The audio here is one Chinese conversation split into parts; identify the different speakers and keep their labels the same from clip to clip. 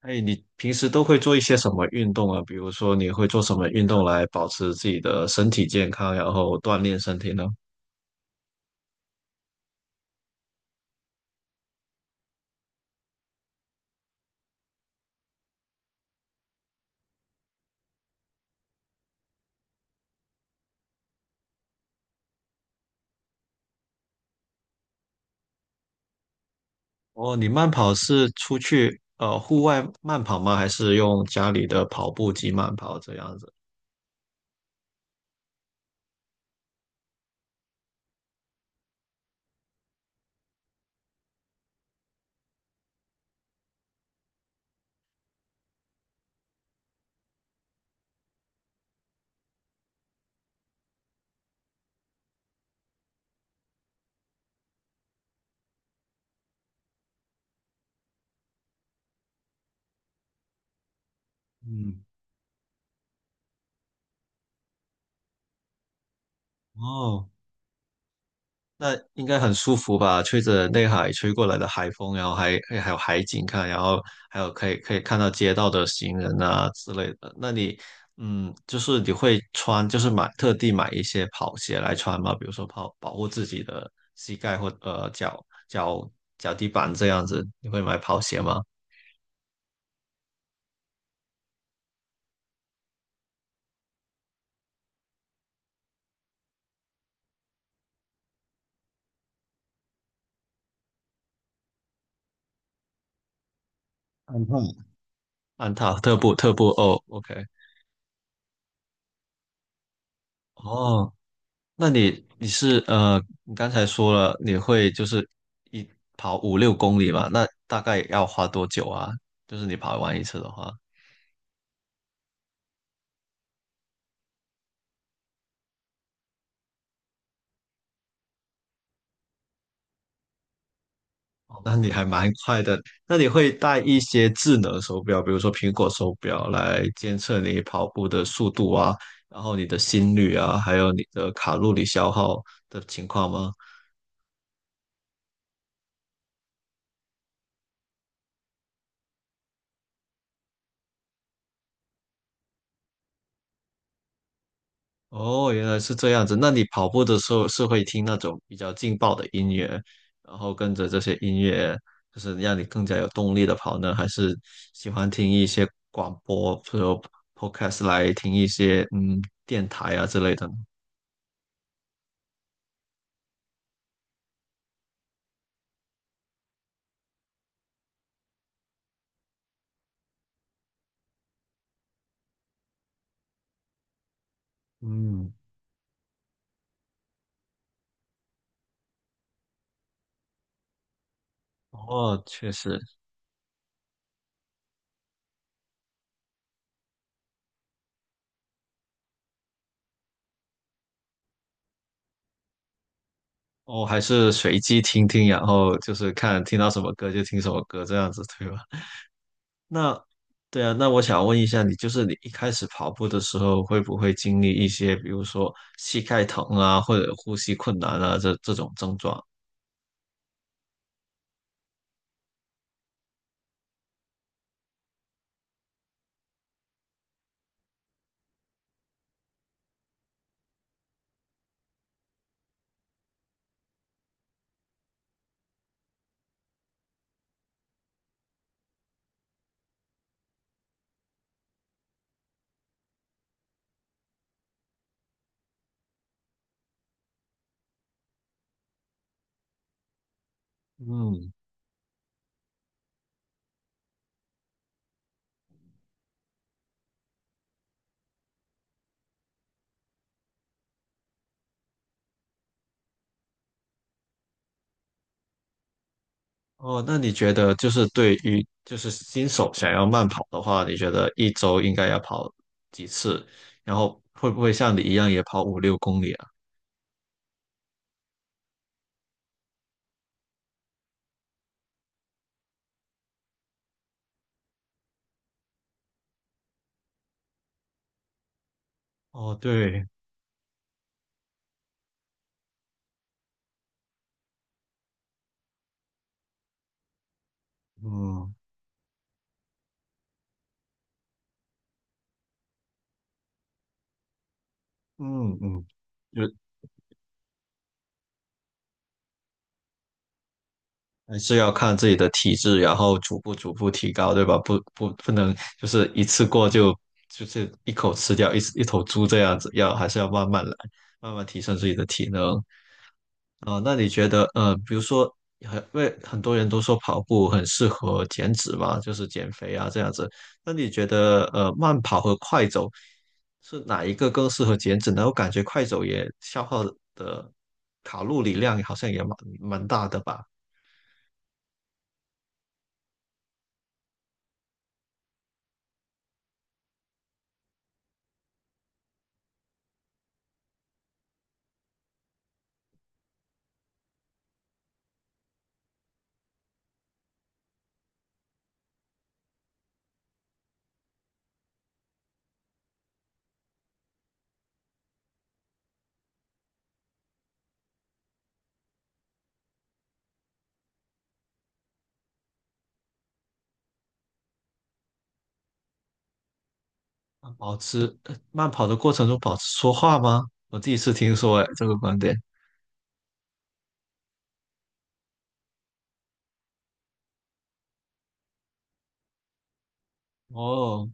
Speaker 1: 哎，你平时都会做一些什么运动啊？比如说，你会做什么运动来保持自己的身体健康，然后锻炼身体呢？哦，你慢跑是出去户外慢跑吗？还是用家里的跑步机慢跑这样子？嗯，哦，那应该很舒服吧？吹着内海吹过来的海风，然后还有海景看，然后还有可以看到街道的行人啊之类的。那你嗯，就是你会穿，就是买特地买一些跑鞋来穿吗？比如说跑保护自己的膝盖或脚底板这样子，你会买跑鞋吗？安踏。安踏特步特步哦，OK，哦，那你你是你刚才说了你会就是一跑五六公里嘛？那大概要花多久啊？就是你跑完一次的话，哦那你还蛮快的。那你会带一些智能手表，比如说苹果手表来监测你跑步的速度啊，然后你的心率啊，还有你的卡路里消耗的情况吗？哦，原来是这样子。那你跑步的时候是会听那种比较劲爆的音乐，然后跟着这些音乐，就是让你更加有动力的跑呢？还是喜欢听一些广播，比如 podcast 来听一些电台啊之类的呢？嗯，哦，确实，哦，还是随机听听，然后就是看听到什么歌就听什么歌这样子，对吧？那对啊，那我想问一下你，就是你一开始跑步的时候，会不会经历一些，比如说膝盖疼啊，或者呼吸困难啊，这种症状？嗯，哦，那你觉得就是对于就是新手想要慢跑的话，你觉得一周应该要跑几次？然后会不会像你一样也跑五六公里啊？哦，对，嗯嗯嗯，就。还是要看自己的体质，然后逐步提高，对吧？不能就是一次过就就是一口吃掉一头猪这样子，要还是要慢慢来，慢慢提升自己的体能。啊、那你觉得比如说很，因为很多人都说跑步很适合减脂嘛，就是减肥啊这样子。那你觉得慢跑和快走是哪一个更适合减脂呢？我感觉快走也消耗的卡路里量好像也蛮大的吧。慢跑的过程中保持说话吗？我第一次听说，哎，这个观点。哦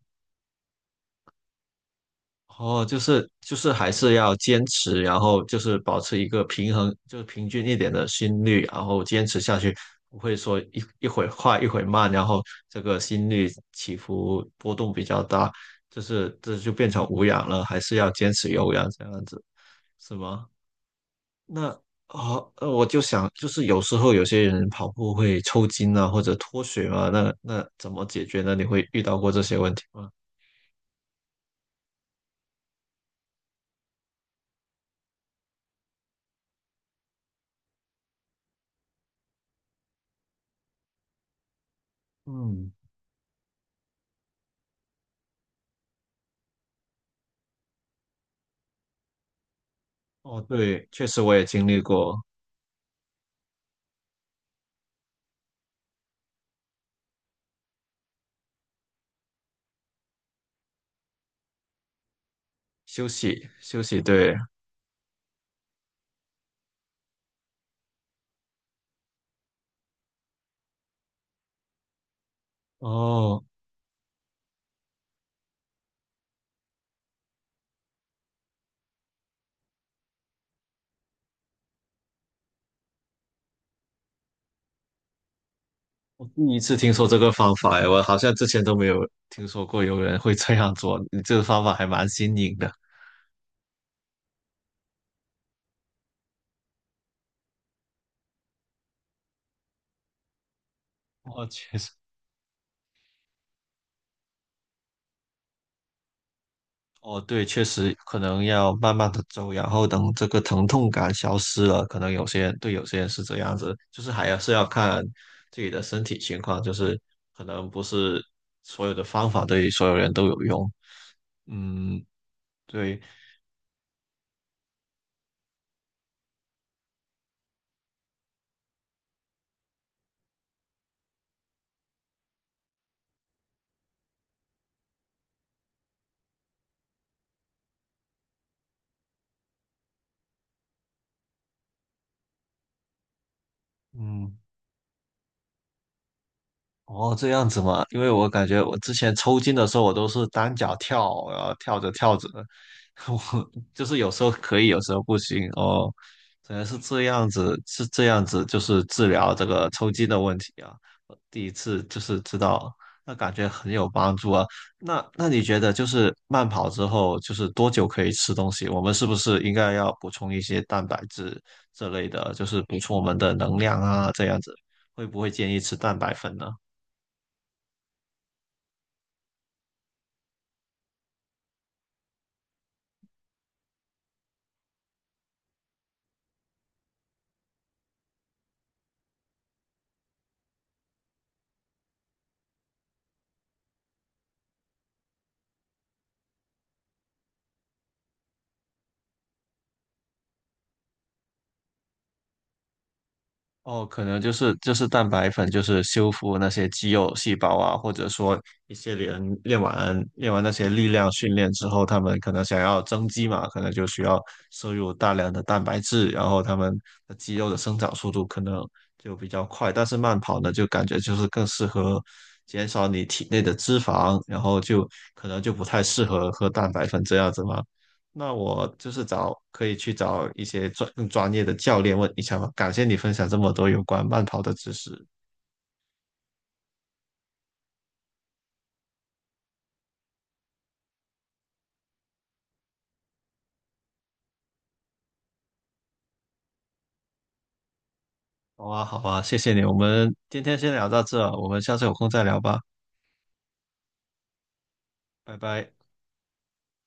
Speaker 1: 哦，就是还是要坚持，然后就是保持一个平衡，就是平均一点的心率，然后坚持下去，不会说一会快一会慢，然后这个心率起伏波动比较大，就是这就变成无氧了，还是要坚持有氧这样子，是吗？那啊，我就想，就是有时候有些人跑步会抽筋啊，或者脱水嘛，那怎么解决呢？你会遇到过这些问题吗？嗯，哦，对，确实我也经历过休息，休息，对，哦，我第一次听说这个方法，哎，我好像之前都没有听说过有人会这样做，你这个方法还蛮新颖的。我实。哦，对，确实可能要慢慢的走，然后等这个疼痛感消失了，可能有些人对有些人是这样子，就是还要是要看自己的身体情况，就是可能不是所有的方法对所有人都有用。嗯，对，嗯，哦，这样子嘛，因为我感觉我之前抽筋的时候，我都是单脚跳，然后跳着跳着，我就是有时候可以，有时候不行。哦，原来是这样子，是这样子，就是治疗这个抽筋的问题啊。我第一次就是知道，那感觉很有帮助啊。那你觉得就是慢跑之后，就是多久可以吃东西？我们是不是应该要补充一些蛋白质这类的，就是补充我们的能量啊，这样子，会不会建议吃蛋白粉呢？哦，可能就是蛋白粉，就是修复那些肌肉细胞啊，或者说练完那些力量训练之后，他们可能想要增肌嘛，可能就需要摄入大量的蛋白质，然后他们的肌肉的生长速度可能就比较快。但是慢跑呢，就感觉就是更适合减少你体内的脂肪，然后就可能就不太适合喝蛋白粉这样子嘛。那我就是找可以去找一些专更专业的教练问一下嘛。感谢你分享这么多有关慢跑的知识。好啊，好啊，谢谢你。我们今天先聊到这，我们下次有空再聊吧。拜拜。